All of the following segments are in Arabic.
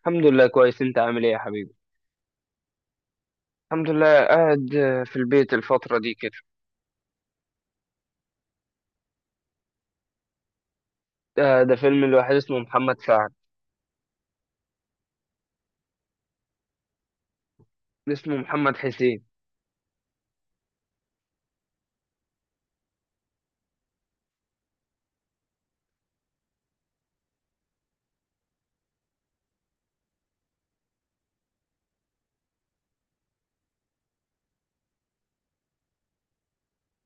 الحمد لله كويس، انت عامل ايه يا حبيبي؟ الحمد لله قاعد في البيت الفترة دي كده. ده فيلم الواحد اسمه محمد سعد. اسمه محمد حسين.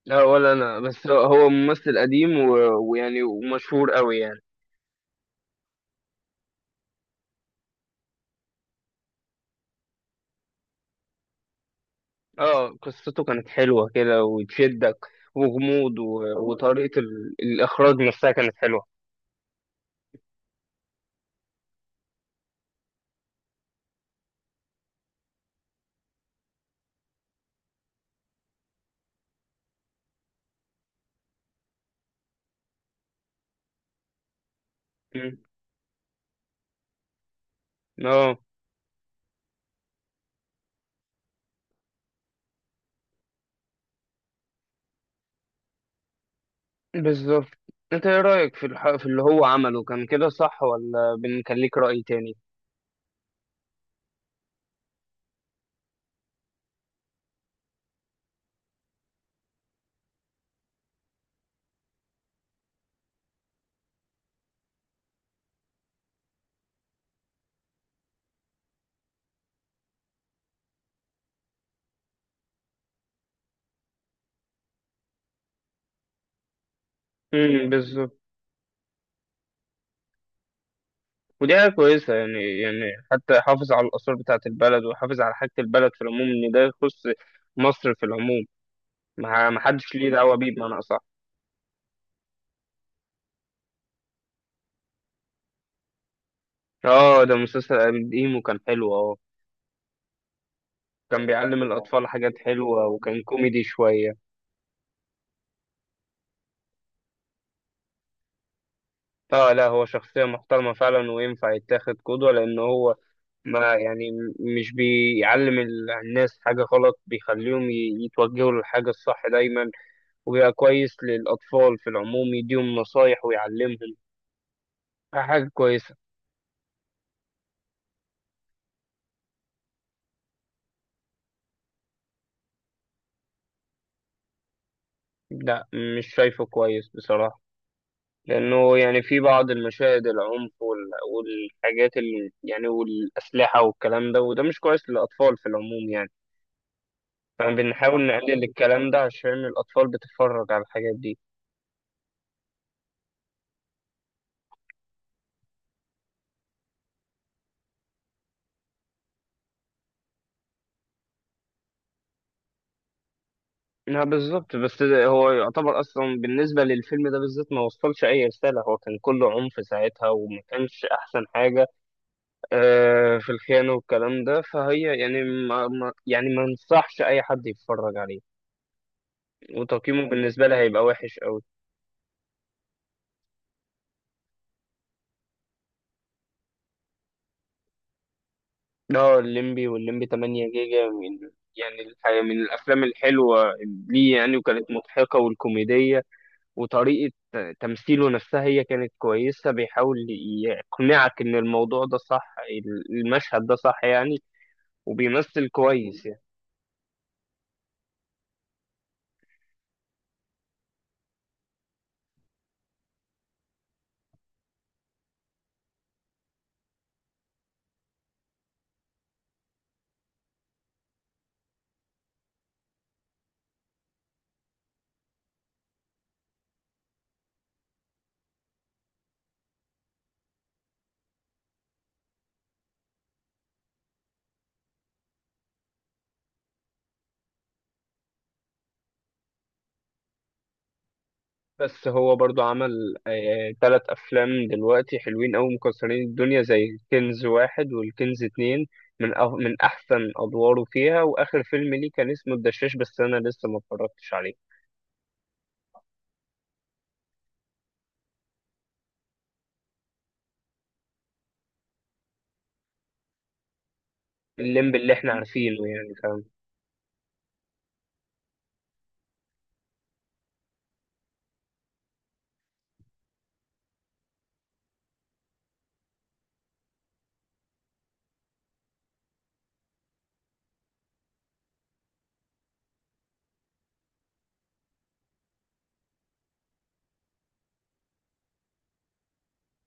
لا ولا انا، بس هو ممثل قديم و- ويعني ومشهور قوي يعني. اه قصته كانت حلوة كده وتشدك، وغموض و- وطريقة الاخراج نفسها كانت حلوة. مم. اه، بالظبط. انت ايه رأيك في في اللي هو عمله؟ كان كده صح ولا بنخليك رأي تاني؟ بالظبط. ودي حاجة كويسة يعني، يعني حتى حافظ على الآثار بتاعة البلد، وحافظ على حاجة البلد في العموم، إن ده يخص مصر في العموم. ما حدش ليه دعوة بيه بمعنى أصح. آه، ده مسلسل قديم وكان حلو. آه، كان بيعلم الأطفال حاجات حلوة وكان كوميدي شوية. آه لا، هو شخصية محترمة فعلا وينفع يتاخد قدوة، لأن هو ما يعني مش بيعلم الناس حاجة غلط، بيخليهم يتوجهوا للحاجة الصح دايما، وبيبقى كويس للأطفال في العموم، يديهم نصايح ويعلمهم حاجة كويسة. لا، مش شايفه كويس بصراحة، لأنه يعني في بعض المشاهد العنف والحاجات اللي يعني والأسلحة والكلام ده، وده مش كويس للأطفال في العموم يعني. فبنحاول نقلل الكلام ده عشان الأطفال بتتفرج على الحاجات دي. لا بالظبط، بس هو يعتبر أصلا بالنسبة للفيلم ده بالذات ما وصلش أي رسالة، هو كان كله عنف ساعتها وما كانش أحسن حاجة. في الخيانة والكلام ده، فهي يعني يعني ما انصحش أي حد يتفرج عليه. وتقييمه بالنسبة لي هيبقى وحش أوي. اه، الليمبي والليمبي 8 جيجا، من يعني الحقيقة من الأفلام الحلوة ليه يعني، وكانت مضحكة والكوميدية، وطريقة تمثيله نفسها هي كانت كويسة، بيحاول يقنعك إن الموضوع ده صح، المشهد ده صح يعني، وبيمثل كويس يعني. بس هو برضو عمل تلات أفلام دلوقتي حلوين أوي مكسرين الدنيا، زي كنز واحد والكنز اتنين، من أه من أحسن أدواره فيها. وآخر فيلم ليه كان اسمه الدشاش، بس أنا لسه ما اتفرجتش عليه. الليمب اللي إحنا عارفينه يعني، فاهم؟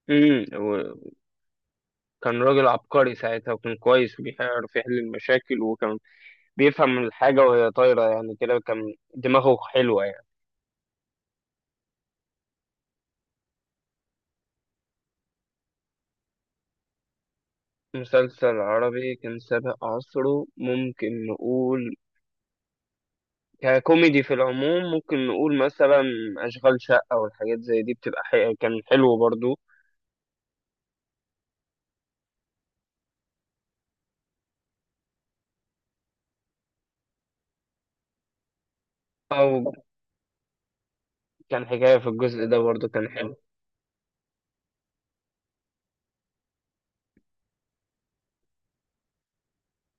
وكان راجل عبقري ساعتها، وكان كويس وبيعرف يحل المشاكل، وكان بيفهم الحاجة وهي طايرة يعني، كده كان دماغه حلوة يعني. مسلسل عربي كان سابق عصره، ممكن نقول ككوميدي في العموم، ممكن نقول مثلا أشغال شقة والحاجات زي دي بتبقى كان حلو برضو. أو كان حكاية في الجزء ده، برضو كان حلو.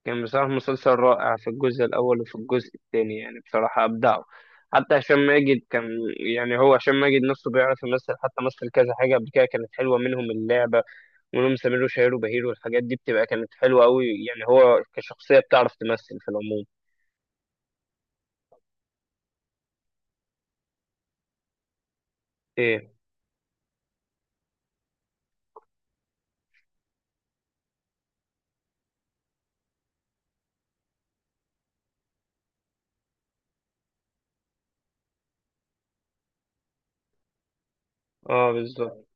كان بصراحة مسلسل رائع في الجزء الأول، وفي الجزء التاني يعني بصراحة أبدعوا. حتى هشام ماجد كان، يعني هو هشام ماجد نفسه بيعرف يمثل، حتى مثل كذا حاجة قبل كده كانت حلوة، منهم اللعبة ومنهم سمير وشهير وبهير، والحاجات دي بتبقى كانت حلوة أوي يعني، هو كشخصية بتعرف تمثل في العموم. إيه؟ أه، بالظبط.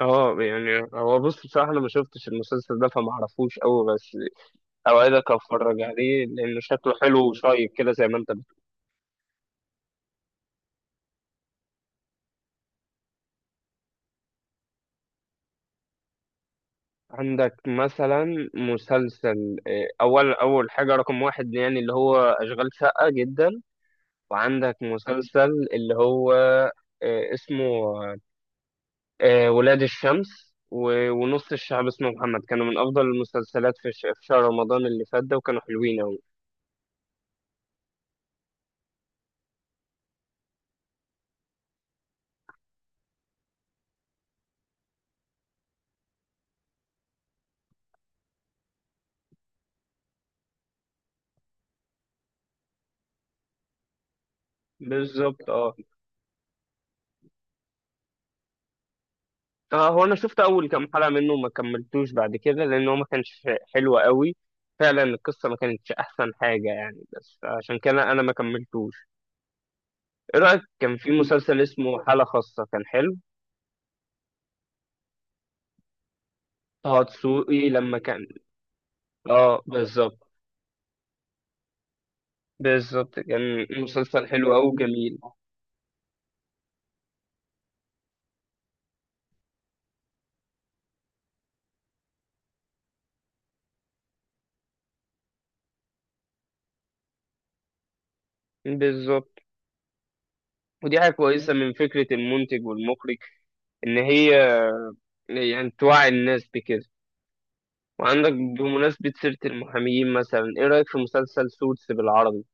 اه، يعني هو بص، بصراحة أنا ما شفتش المسلسل ده فما أعرفوش أوي، بس أوعدك أتفرج عليه لأنه شكله حلو وشايب كده زي ما أنت بتقول. عندك مثلا مسلسل أول حاجة رقم واحد يعني، اللي هو أشغال شقة جدا. وعندك مسلسل اللي هو اسمه ولاد الشمس و- ونص الشعب اسمه محمد، كانوا من أفضل المسلسلات في في شهر رمضان اللي فات ده، وكانوا حلوين أوي. بالظبط، اه. اه، هو انا شفت اول كام حلقه منه وما كملتوش بعد كده، لان هو ما كانش حلو قوي فعلا، القصه ما كانتش احسن حاجه يعني، بس عشان كده انا ما كملتوش. ايه رايك كان في مسلسل اسمه حاله خاصه؟ كان حلو. طه دسوقي لما كان. اه بالظبط، بالظبط، كان مسلسل حلو قوي، جميل. بالظبط، ودي حاجه كويسه من فكره المنتج والمخرج، ان هي يعني توعي الناس بكده. وعندك بمناسبه سيره المحامين مثلا، ايه رايك في مسلسل سوتس بالعربي؟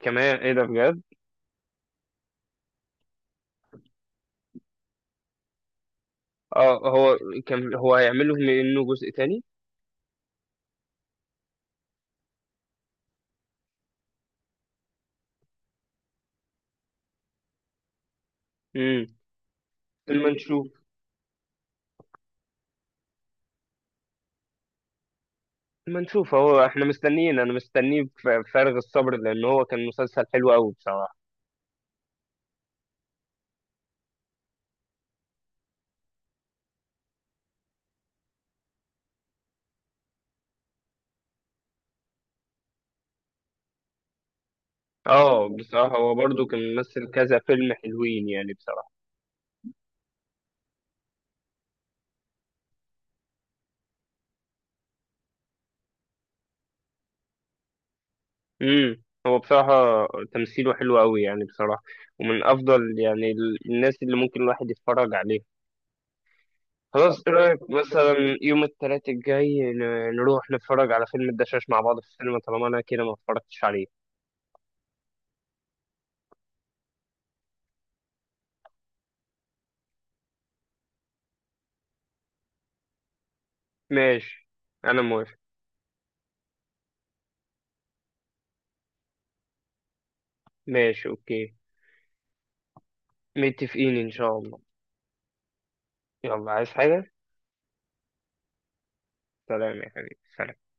كمان ايه ده بجد! اه، هو كان هو هيعمل لهم انه جزء تاني. امم لما نشوف. لما نشوف، هو احنا مستنيين، انا مستنيه بفارغ الصبر، لان هو كان مسلسل حلو قوي بصراحه. اه بصراحه، هو برضو كان ممثل كذا فيلم حلوين يعني بصراحه. امم هو بصراحه تمثيله حلو قوي يعني بصراحه، ومن افضل يعني الناس اللي ممكن الواحد يتفرج عليها. خلاص، ايه رايك مثلا يوم الثلاث الجاي نروح نتفرج على فيلم الدشاش مع بعض في السينما، طالما انا كده ما اتفرجتش عليه؟ ماشي، انا موافق. ماشي اوكي، متفقين ان شاء الله. يلا، عايز حاجة؟ سلام يا حبيبي، سلام.